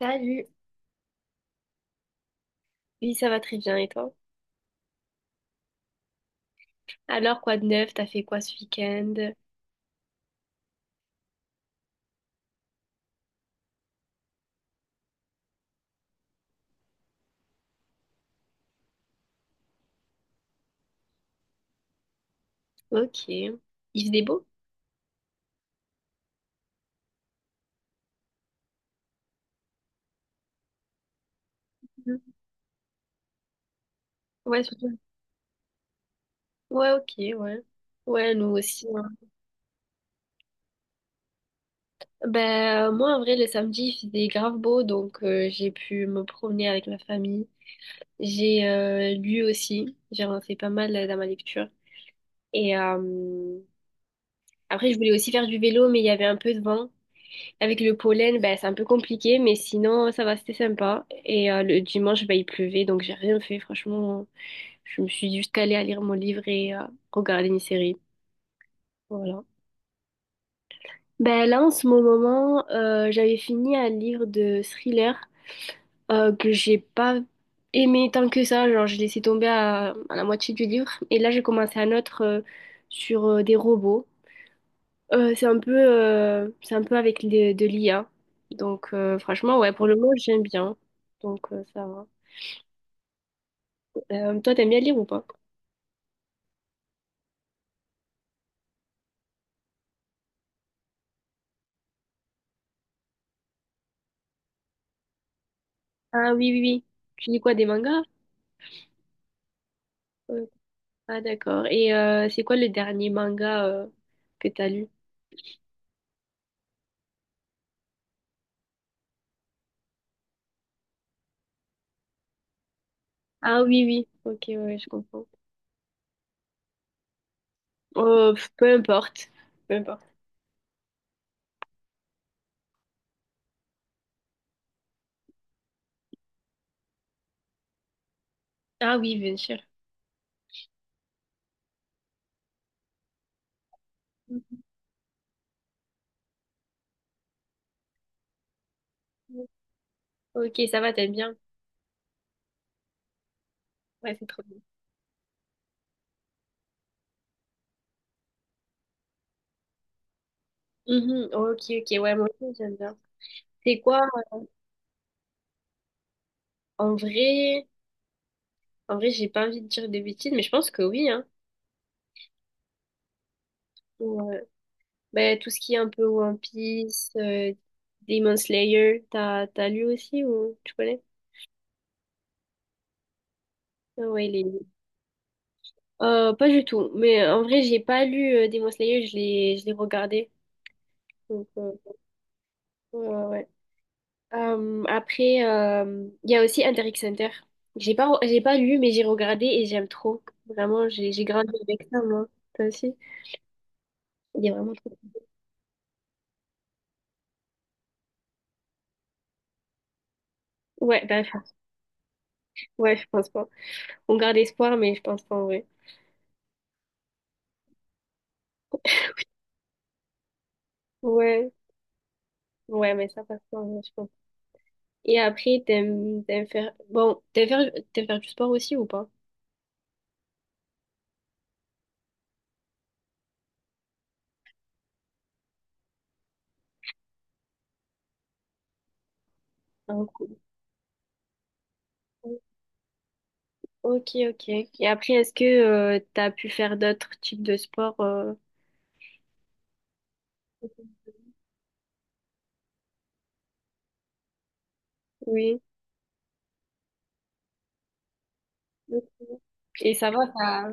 Salut. Oui, ça va très bien, et toi? Alors, quoi de neuf? T'as fait quoi ce week-end? Ok. Il faisait beau? Mhm. Ouais, surtout. Ouais, ok, ouais. Ouais, nous aussi, hein. Ben, moi, en vrai, le samedi, il faisait grave beau, donc j'ai pu me promener avec ma famille. J'ai lu aussi. J'ai avancé pas mal dans ma lecture. Et après, je voulais aussi faire du vélo, mais il y avait un peu de vent. Avec le pollen, ben, c'est un peu compliqué, mais sinon, ça va, c'était sympa. Et le dimanche, ben, il pleuvait, donc j'ai rien fait, franchement. Je me suis juste calée à lire mon livre et à regarder une série. Voilà. Ben là, en ce moment, j'avais fini un livre de thriller que j'ai pas aimé tant que ça. Genre, j'ai laissé tomber à la moitié du livre. Et là, j'ai commencé un autre sur des robots. C'est un peu avec de l'IA. Donc, franchement, ouais, pour le moment, j'aime bien. Donc, ça va. Toi, t'aimes bien lire ou pas? Ah oui, oui, oui. Tu lis quoi, des mangas? Euh, Ah d'accord. Et c'est quoi le dernier manga que t'as lu? Ah oui, oui. Ok, ouais, je comprends. Peu importe. Peu importe. Ah oui, bien sûr. Mhm. Ok, ça va, t'aimes bien. Ouais, c'est trop bien. Mhm, ok, ok, ouais, moi aussi j'aime bien. C'est quoi? En vrai, en vrai, j'ai pas envie de dire des bêtises, mais je pense que oui, hein. Ouais. Ben, tout ce qui est un peu One Piece, Demon Slayer, t'as lu aussi ou tu connais? Ah ouais, les... Pas du tout. Mais en vrai, j'ai pas lu Demon Slayer, je l'ai regardé. Donc, ouais, ouais. Après, il y a aussi Hunter x Hunter. J'ai pas lu, mais j'ai regardé et j'aime trop. Vraiment, j'ai grandi avec ça, moi. Toi aussi? Il est vraiment trop. Ouais, bah, enfin, ouais, je pense pas. On garde espoir, mais je pense pas en vrai. Ouais, ouais, mais ça passe pas en vrai, je pense. Et après, t'aimes faire. Bon, t'aimes faire du sport aussi ou pas? Un coup. Ok, ok. Et après, est-ce que tu t'as pu faire d'autres types de sports. Oui. Et ça va, ça...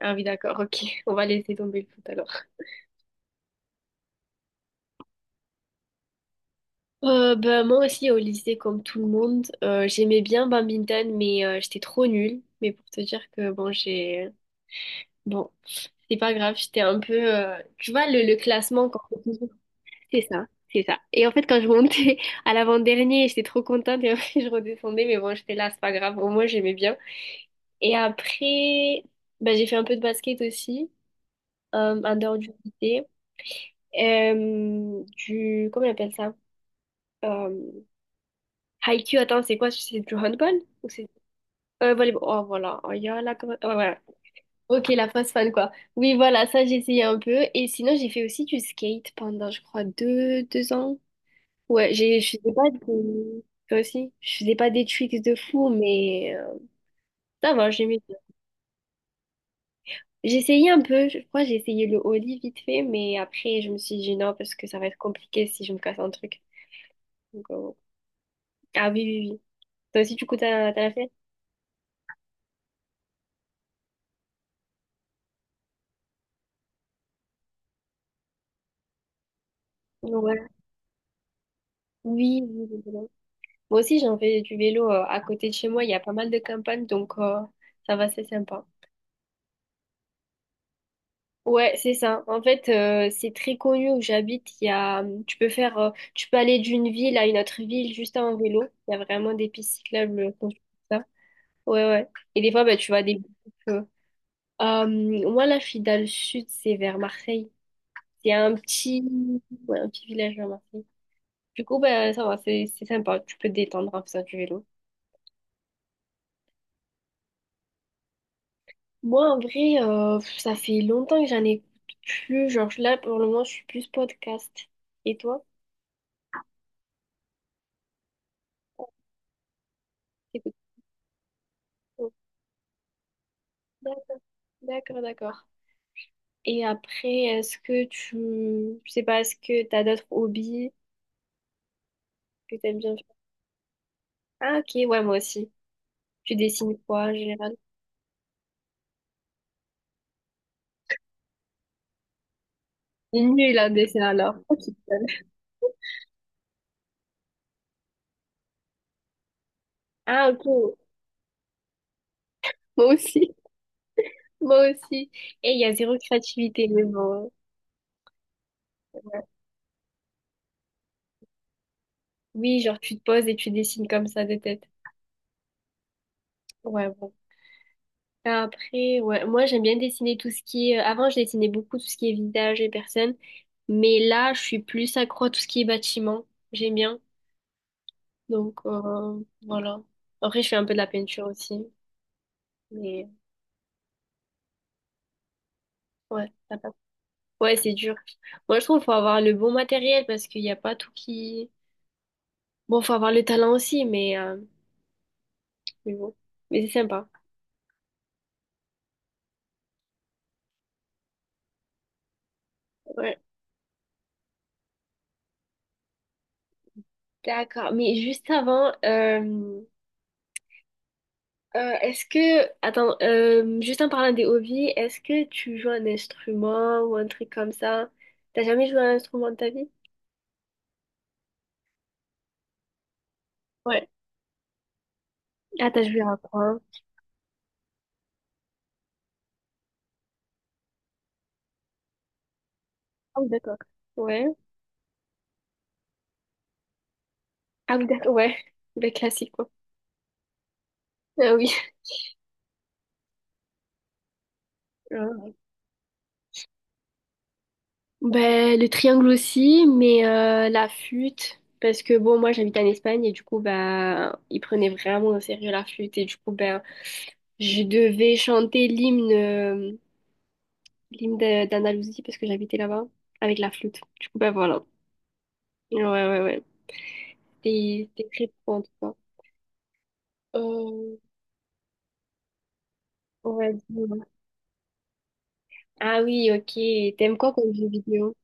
Ah oui, d'accord, ok. On va laisser tomber le foot alors. Bah, moi aussi, au lycée, comme tout le monde, j'aimais bien badminton, mais j'étais trop nulle. Mais pour te dire que, bon, j'ai... Bon, c'est pas grave, j'étais un peu... Tu vois, le classement, quand... C'est ça, c'est ça. Et en fait, quand je montais à l'avant-dernier, j'étais trop contente, et après, je redescendais, mais bon, j'étais là, c'est pas grave. Au moins, j'aimais bien. Et après, bah, j'ai fait un peu de basket aussi, en dehors du lycée. Du, comment on appelle ça? Euh, Haikyuu, attends, c'est quoi? C'est du handball? Ou c'est volleyball. Oh, voilà. Oh, y a la... ouais, voilà. Ok, la fausse fan, quoi. Oui, voilà, ça, j'ai essayé un peu. Et sinon, j'ai fait aussi du skate pendant, je crois, deux ans. Ouais, je faisais pas de... Toi aussi? Je faisais pas des tricks de fou, mais ça va, J'ai essayé un peu, je crois que j'ai essayé le au lit vite fait, mais après je me suis dit non parce que ça va être compliqué si je me casse un truc. Donc. Ah oui, oui, oui. Toi aussi du coup t'as fait? Ouais. Oui, oui, oui, oui. Moi aussi j'en fais du vélo à côté de chez moi, il y a pas mal de campagnes donc ça va, c'est sympa. Ouais, c'est ça. En fait, c'est très connu où j'habite. Il y a, tu peux aller d'une ville à une autre ville juste en vélo. Il y a vraiment des pistes cyclables. Comme ça. Ouais, ouais. Et des fois, bah, tu vois des groupes. Euh, moi, là, je suis dans le sud, c'est vers Marseille. C'est ouais, un petit village vers Marseille. Du coup, ben, ça va, c'est sympa. Tu peux te détendre en faisant du vélo. Moi, en vrai, ça fait longtemps que j'en écoute plus. Genre, là, pour le moment, je suis plus podcast. Et toi? T'écoutes quoi? D'accord, d'accord. D'accord. Et après, est-ce que tu... Je sais pas, est-ce que t'as d'autres hobbies que t'aimes bien faire? Ah, ok, ouais, moi aussi. Tu dessines quoi, en général? Nul en dessin, alors. Ok. Ah, ok. Moi aussi, moi aussi. Et il y a zéro créativité, mais bon. Oui, genre tu te poses et tu dessines comme ça de tête. Ouais, bon. Après, ouais, moi j'aime bien dessiner tout ce qui est... Avant, je dessinais beaucoup tout ce qui est visage et personne, mais là, je suis plus accro à tout ce qui est bâtiment. J'aime bien. Donc, voilà. Après, je fais un peu de la peinture aussi, mais ouais, ça passe. Ouais, c'est dur. Moi, je trouve qu'il faut avoir le bon matériel parce qu'il n'y a pas tout qui... Bon, faut avoir le talent aussi, mais bon. Mais c'est sympa. Ouais. D'accord, mais juste avant, est-ce que, attends, juste en parlant des hobbies, est-ce que tu joues un instrument ou un truc comme ça? T'as jamais joué à un instrument de ta vie? Ouais. Ah, t'as joué à quoi? Ah oui, d'accord. Ouais. Ah oui, d'accord, ouais. Ben, classique, quoi. Ah oui. Ah. Ben, le triangle aussi, mais la flûte, parce que bon, moi j'habite en Espagne et du coup, ben, ils prenaient vraiment au sérieux la flûte et du coup, ben, je devais chanter l'hymne d'Andalousie parce que j'habitais là-bas avec la flûte. Du coup, bah voilà. Ouais, ouais, ouais. T'es très pro en tout cas. Euh, on va dire. Ah oui, ok. T'aimes quoi comme jeu vidéo?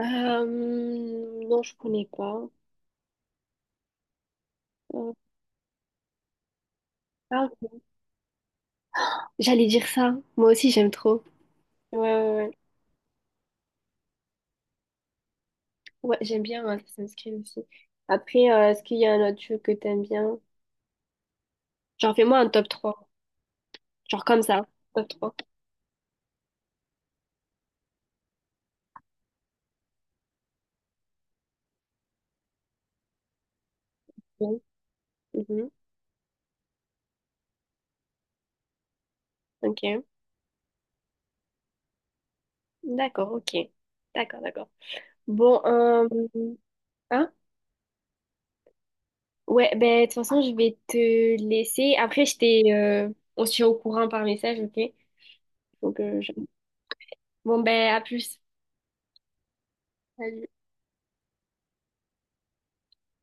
Euh, non, je connais pas. Euh, ah, ok. J'allais dire ça. Moi aussi, j'aime trop. Ouais, ouais, ouais. Ouais, j'aime bien hein, Assassin's Creed aussi. Après, est-ce qu'il y a un autre jeu que t'aimes bien? Genre, fais-moi un top trois. Genre comme ça. Top 3. Mhm. Mhm. Ok. D'accord, ok. D'accord, d'accord. Bon, hein? Ouais, ben, de toute façon, je vais te laisser. Après, on se tient au courant par message, ok? Donc. Bon, ben, à plus. Salut.